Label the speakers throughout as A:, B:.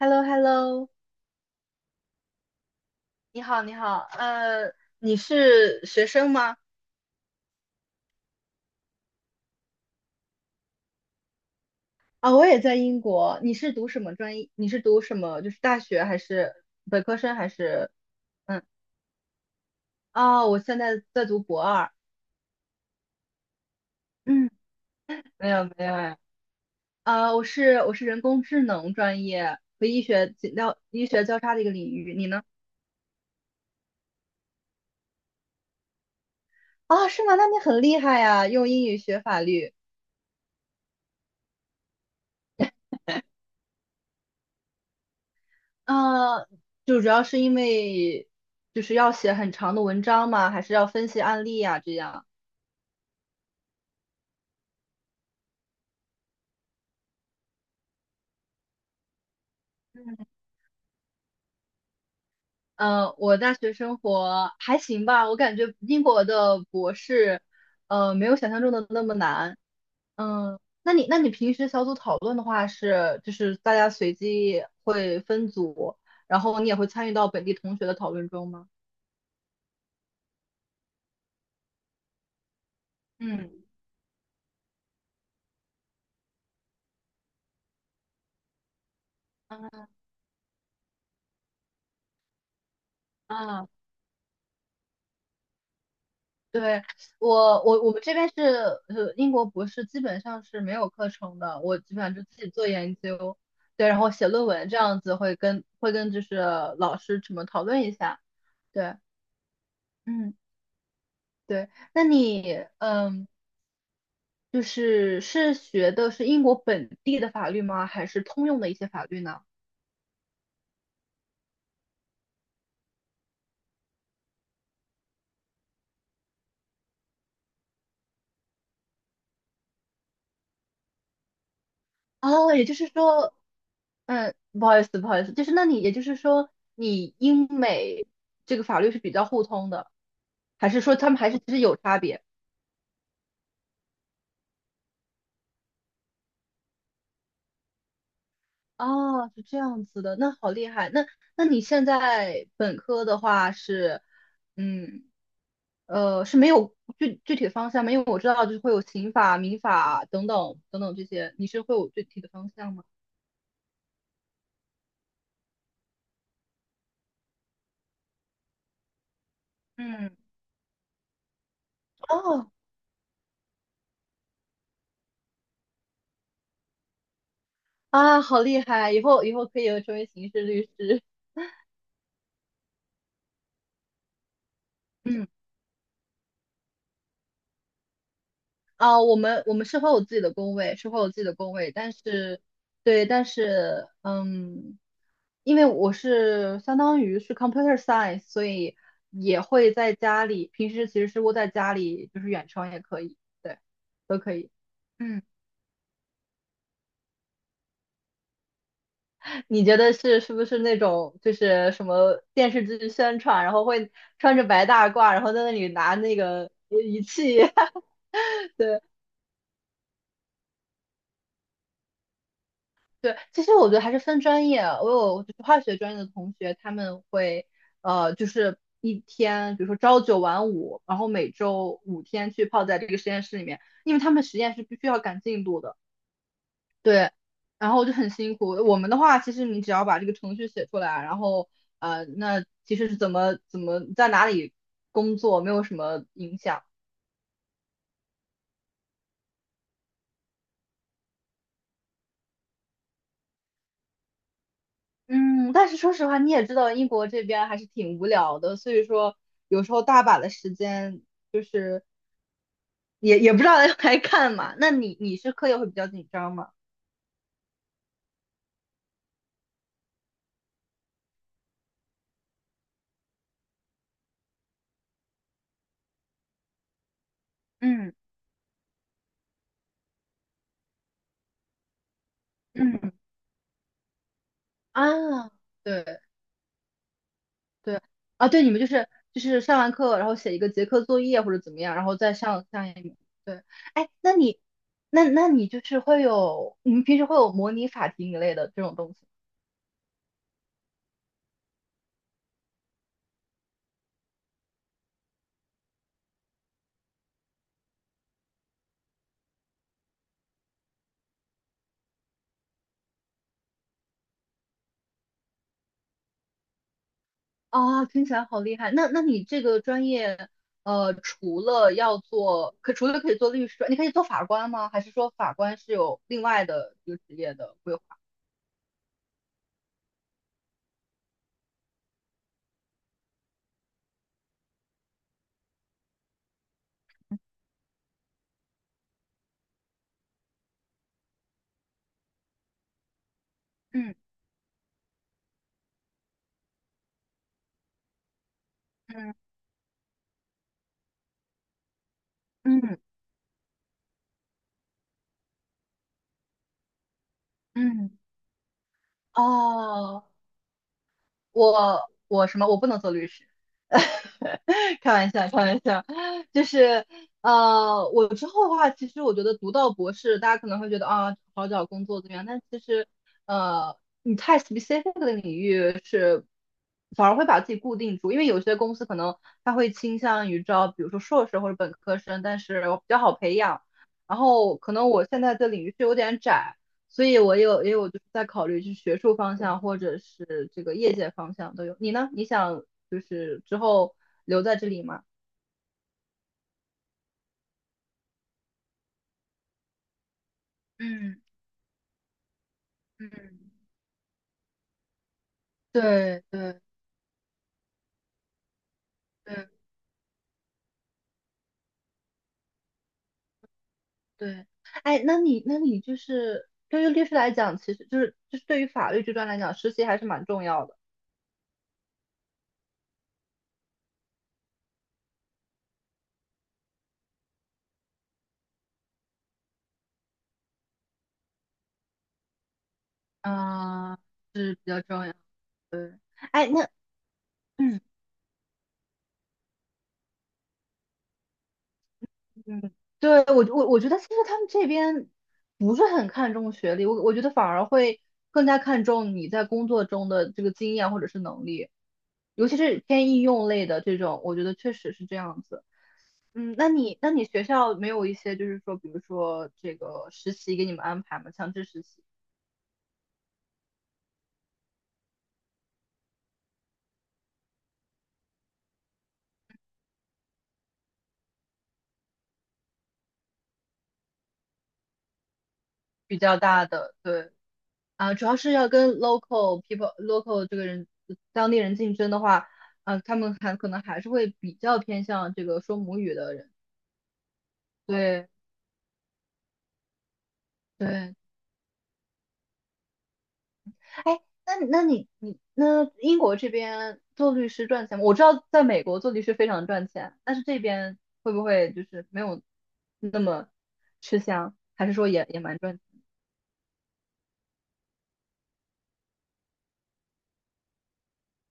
A: h e l l o h e l l o 你好，你好，你是学生吗？啊，我也在英国。你是读什么专业？你是读什么？就是大学还是本科生还是嗯？哦，我现在在读博二。嗯，没有，没有哎。啊，我是人工智能专业和医学交叉的一个领域。你呢？啊，是吗？那你很厉害呀，用英语学法律。啊，就主要是因为就是要写很长的文章吗？还是要分析案例呀？这样。嗯，我大学生活还行吧，我感觉英国的博士，没有想象中的那么难。嗯，那你平时小组讨论的话是，就是大家随机会分组，然后你也会参与到本地同学的讨论中吗？嗯。啊，对，我们这边是英国博士基本上是没有课程的，我基本上就自己做研究，对，然后写论文这样子会跟就是老师什么讨论一下，对，嗯对，那你就是学的是英国本地的法律吗？还是通用的一些法律呢？哦，也就是说不好意思，不好意思，就是那你也就是说，你英美这个法律是比较互通的，还是说他们还是其实有差别？哦，是这样子的，那好厉害。那那你现在本科的话是，嗯，是没有具体的方向吗？因为我知道就是会有刑法、民法等等等等这些，你是会有具体的方向吗？嗯，哦，啊，好厉害，以后以后可以成为刑事律师。嗯。啊、我们是会有自己的工位，是会有自己的工位，但是，对，但是，因为我是相当于是 computer science，所以也会在家里，平时其实是窝在家里，就是远程也可以，对，都可以。嗯，你觉得是不是那种就是什么电视剧宣传，然后会穿着白大褂，然后在那里拿那个仪器？对，其实我觉得还是分专业啊。我有就是化学专业的同学，他们会就是一天，比如说朝九晚五，然后每周5天去泡在这个实验室里面，因为他们实验是必须要赶进度的。对，然后就很辛苦。我们的话，其实你只要把这个程序写出来，然后那其实是怎么在哪里工作没有什么影响。嗯，但是说实话，你也知道英国这边还是挺无聊的，所以说有时候大把的时间。就是。也不知道来干嘛。那你是课业会比较紧张吗？嗯嗯啊，对对啊，对，你们就是上完课，然后写一个结课作业或者怎么样，然后再上一门。对，哎，那你那你就是会有你们平时会有模拟法庭一类的这种东西啊，听起来好厉害。那那你这个专业，除了要做，可除了可以做律师，你可以做法官吗？还是说法官是有另外的一个职业的规划？嗯嗯嗯，嗯，哦，我什么？我不能做律师，开玩笑，开玩笑，就是我之后的话，其实我觉得读到博士，大家可能会觉得啊，好找工作怎么样？但其实呃，你太 specific 的领域是反而会把自己固定住，因为有些公司可能他会倾向于招，比如说硕士或者本科生，但是我比较好培养。然后可能我现在的领域是有点窄，所以我也有就是在考虑去学术方向或者是这个业界方向都有。你呢？你想就是之后留在这里吗？嗯嗯，对对对对，哎，那你那你就是对于律师来讲，其实就是对于法律这段来讲，实习还是蛮重要的。嗯，是比较重要。对，哎，那嗯嗯，对我觉得其实他们这边不是很看重学历，我觉得反而会更加看重你在工作中的这个经验或者是能力，尤其是偏应用类的这种，我觉得确实是这样子。嗯，那你那你学校没有一些就是说，比如说这个实习给你们安排吗？强制实习比较大的，对。啊，主要是要跟 local people、local 这个人当地人竞争的话，啊，他们还可能还是会比较偏向这个说母语的人。对对，哎，那那你那英国这边做律师赚钱吗？我知道在美国做律师非常赚钱，但是这边会不会就是没有那么吃香，还是说也蛮赚钱？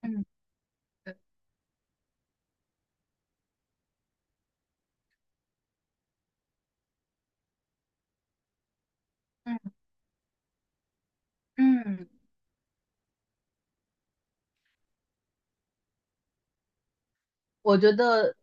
A: 嗯，对，嗯嗯。我觉得，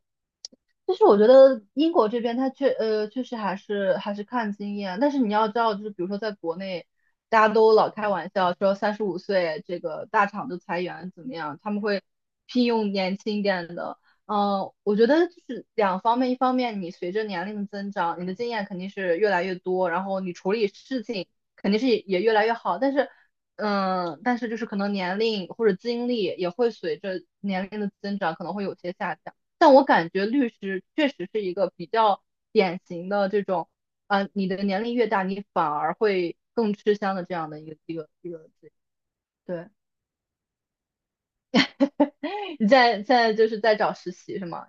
A: 就是我觉得英国这边它确实还是看经验啊，但是你要知道，就是比如说在国内，大家都老开玩笑说35岁这个大厂就裁员怎么样，他们会聘用年轻一点的。我觉得就是两方面，一方面你随着年龄的增长，你的经验肯定是越来越多，然后你处理事情肯定是也越来越好，但是。嗯，但是就是可能年龄或者经历也会随着年龄的增长可能会有些下降。但我感觉律师确实是一个比较典型的这种，啊、你的年龄越大，你反而会更吃香的这样的一个职业。对，你在现在就是在找实习是吗？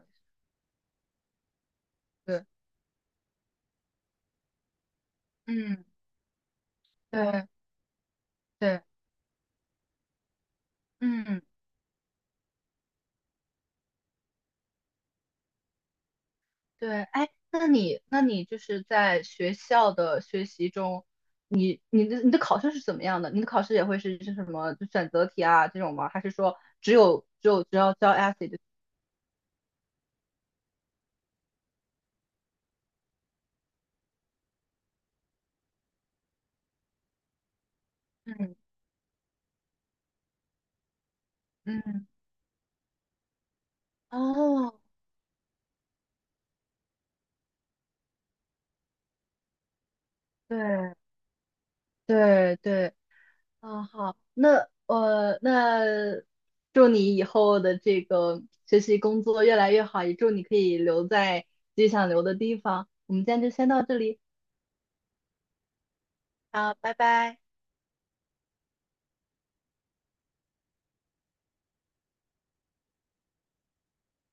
A: 对，嗯，对对，嗯。对，哎，那你那你就是在学校的学习中，你的考试是怎么样的？你的考试也会是什么就选择题啊这种吗？还是说只要交 essay 就？嗯嗯，哦，对对对，啊好，那那祝你以后的这个学习工作越来越好，也祝你可以留在自己想留的地方。我们今天就先到这里，好，拜拜。